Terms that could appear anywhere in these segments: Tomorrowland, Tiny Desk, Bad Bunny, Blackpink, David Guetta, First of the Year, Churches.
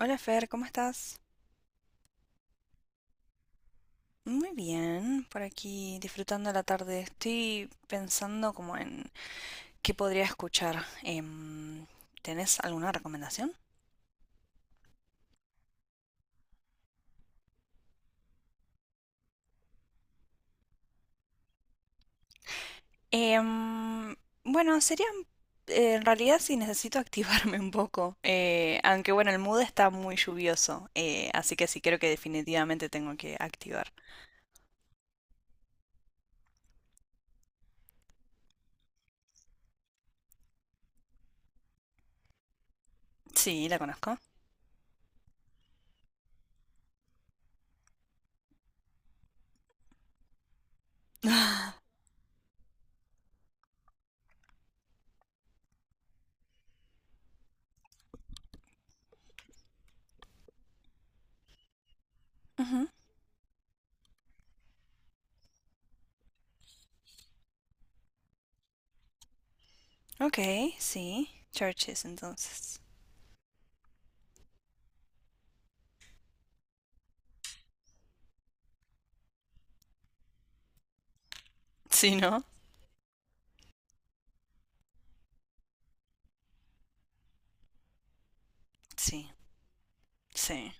Hola Fer, ¿cómo estás? Muy bien, por aquí disfrutando la tarde. Estoy pensando como en qué podría escuchar. ¿Tenés alguna recomendación? Em, bueno, sería en realidad si necesito activarme un poco, aunque bueno, el mood está muy lluvioso, así que sí, creo que definitivamente tengo que activar. Sí, la conozco. Ujú. Ok, sí. Churches entonces. Sí, ¿no? Sí, sí.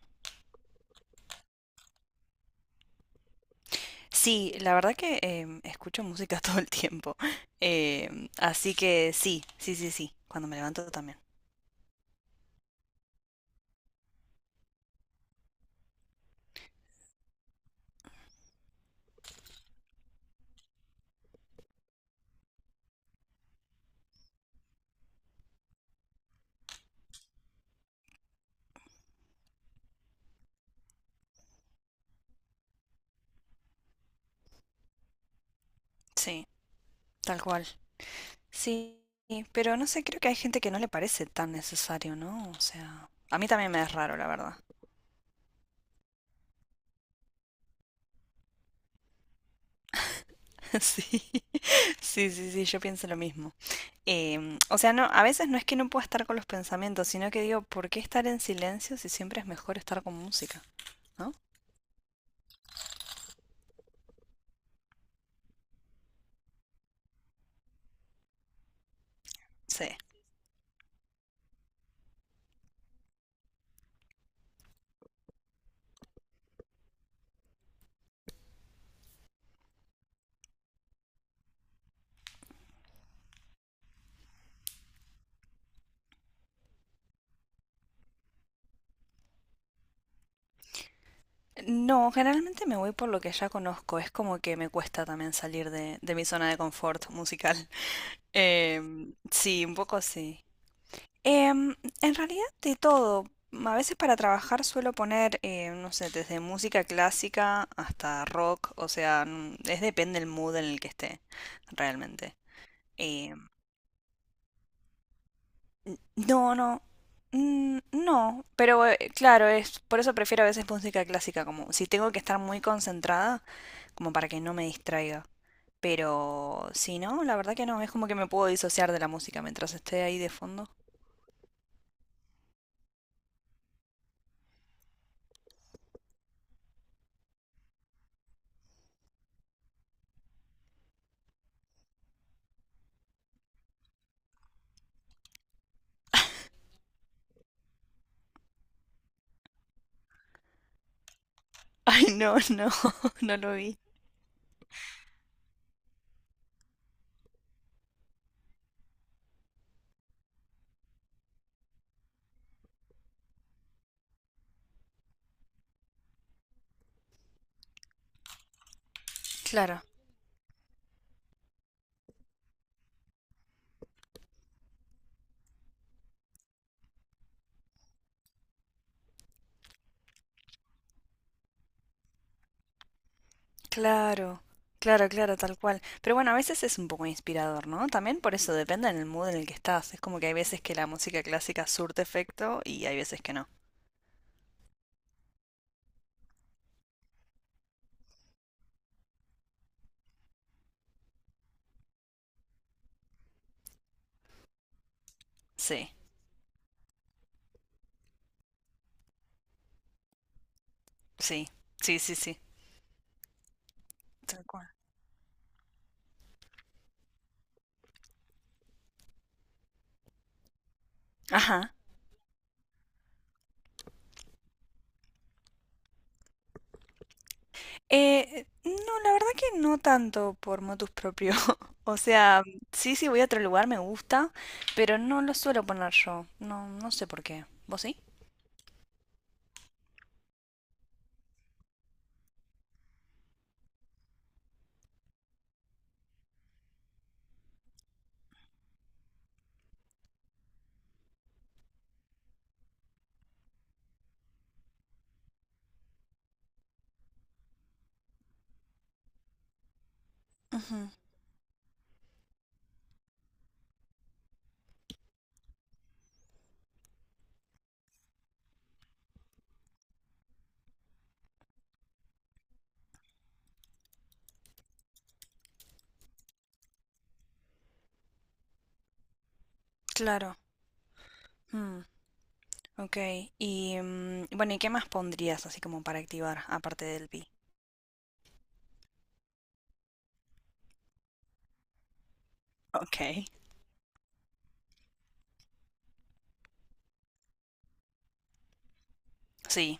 Sí, la verdad que escucho música todo el tiempo. Así que sí, sí, sí, sí. Cuando me levanto también. Sí, tal cual. Sí, pero no sé, creo que hay gente que no le parece tan necesario, ¿no? O sea, a mí también me es raro, la verdad. Sí, sí, sí, sí, yo pienso lo mismo. O sea, no, a veces no es que no pueda estar con los pensamientos, sino que digo, ¿por qué estar en silencio si siempre es mejor estar con música, ¿no? Sí. No, generalmente me voy por lo que ya conozco. Es como que me cuesta también salir de mi zona de confort musical. Sí, un poco sí. Em, en realidad de todo. A veces para trabajar suelo poner, no sé, desde música clásica hasta rock. O sea, es depende del mood en el que esté, realmente. Em, no, no. No, pero claro, es por eso prefiero a veces música clásica, como si tengo que estar muy concentrada, como para que no me distraiga. Pero si no, la verdad que no, es como que me puedo disociar de la música mientras esté ahí de fondo. Ay, no, no, no lo vi. Claro, claro, claro, claro, tal cual. Pero bueno, a veces es un poco inspirador, ¿no? También por eso depende del mood en el que estás. Es como que hay veces que la música clásica surte efecto y hay veces que no. Sí, sí, sí, sí, sí, tal cual. No, la verdad que no tanto por motus propio. O sea, sí, sí, voy a otro lugar, me gusta, pero no lo suelo poner yo. No, no sé por qué. ¿Vos sí? Ujú, claro. Mm, ok. Y bueno, ¿y qué más pondrías así como para activar, aparte del pi? Ok. Sí.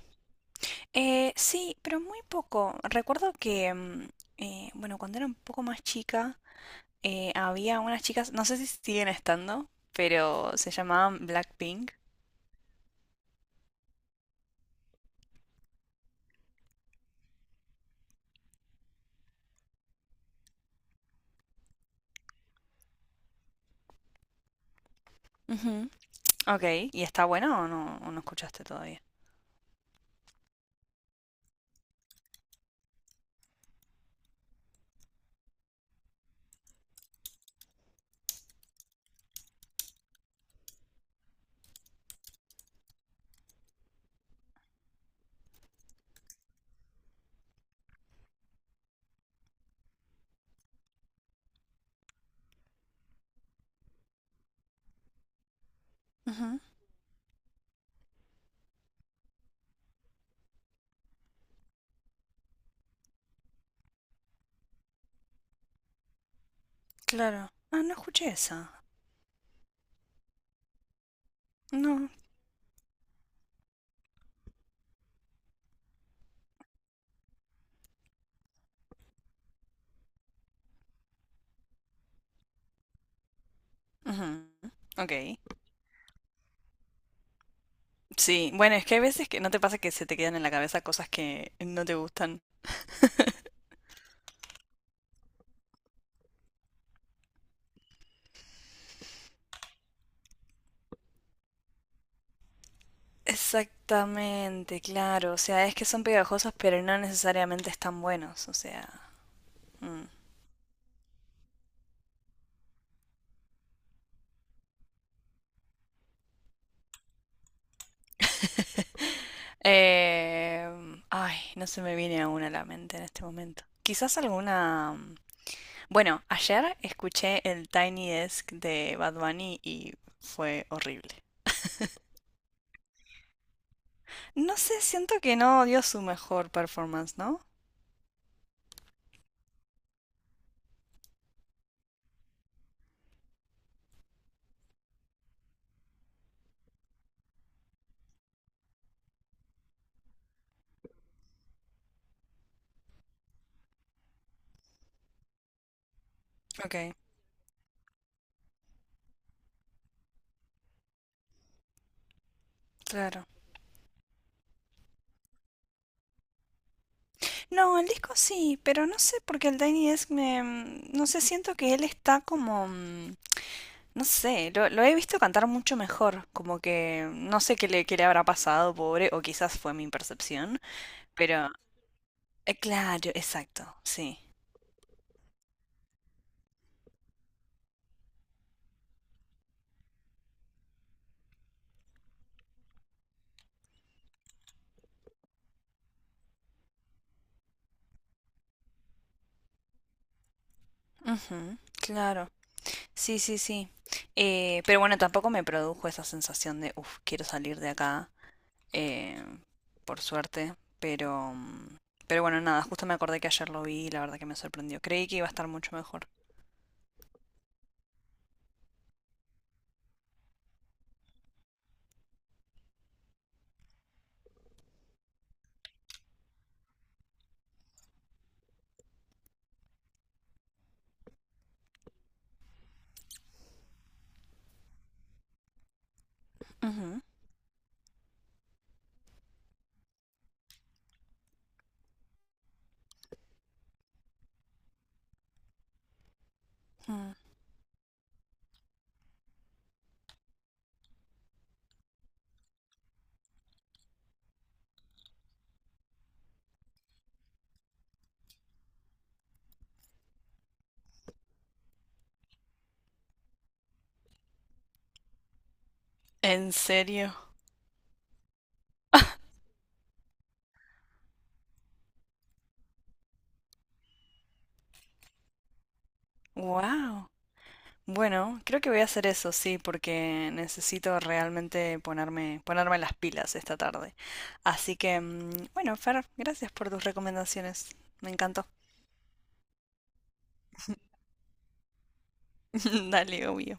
Sí, pero muy poco. Recuerdo que, bueno, cuando era un poco más chica, había unas chicas, no sé si siguen estando, pero se llamaban Blackpink. Ok, ¿y está buena o no escuchaste todavía? Ujú, claro. Ah, no escuché esa. No. Ujú, ok. Sí, bueno, es que hay veces que no te pasa que se te quedan en la cabeza cosas que no te gustan. Exactamente, claro. O sea, es que son pegajosos, pero no necesariamente están buenos. O sea. Mm. Eh, ay, no se me viene aún a la mente en este momento. Quizás alguna. Bueno, ayer escuché el Tiny Desk de Bad Bunny y fue horrible. No sé, siento que no dio su mejor performance, ¿no? Ok, claro. No, el disco sí, pero no sé porque el Tiny Desk me. No sé, siento que él está como. No sé, lo he visto cantar mucho mejor, como que no sé qué qué le habrá pasado, pobre, o quizás fue mi percepción, pero... claro, exacto, sí. Ujú, claro, sí, sí, sí. Pero bueno, tampoco me produjo esa sensación de, uff, quiero salir de acá. eh, por suerte, pero, mm, pero bueno, nada, justo me acordé que ayer lo vi y la verdad que me sorprendió. Creí que iba a estar mucho mejor. Ujú. Mm. ¿En serio? Wow. Bueno, creo que voy a hacer eso, sí, porque necesito realmente ponerme, ponerme las pilas esta tarde. Así que, bueno, Fer, gracias por tus recomendaciones. Me encantó. Dale, obvio.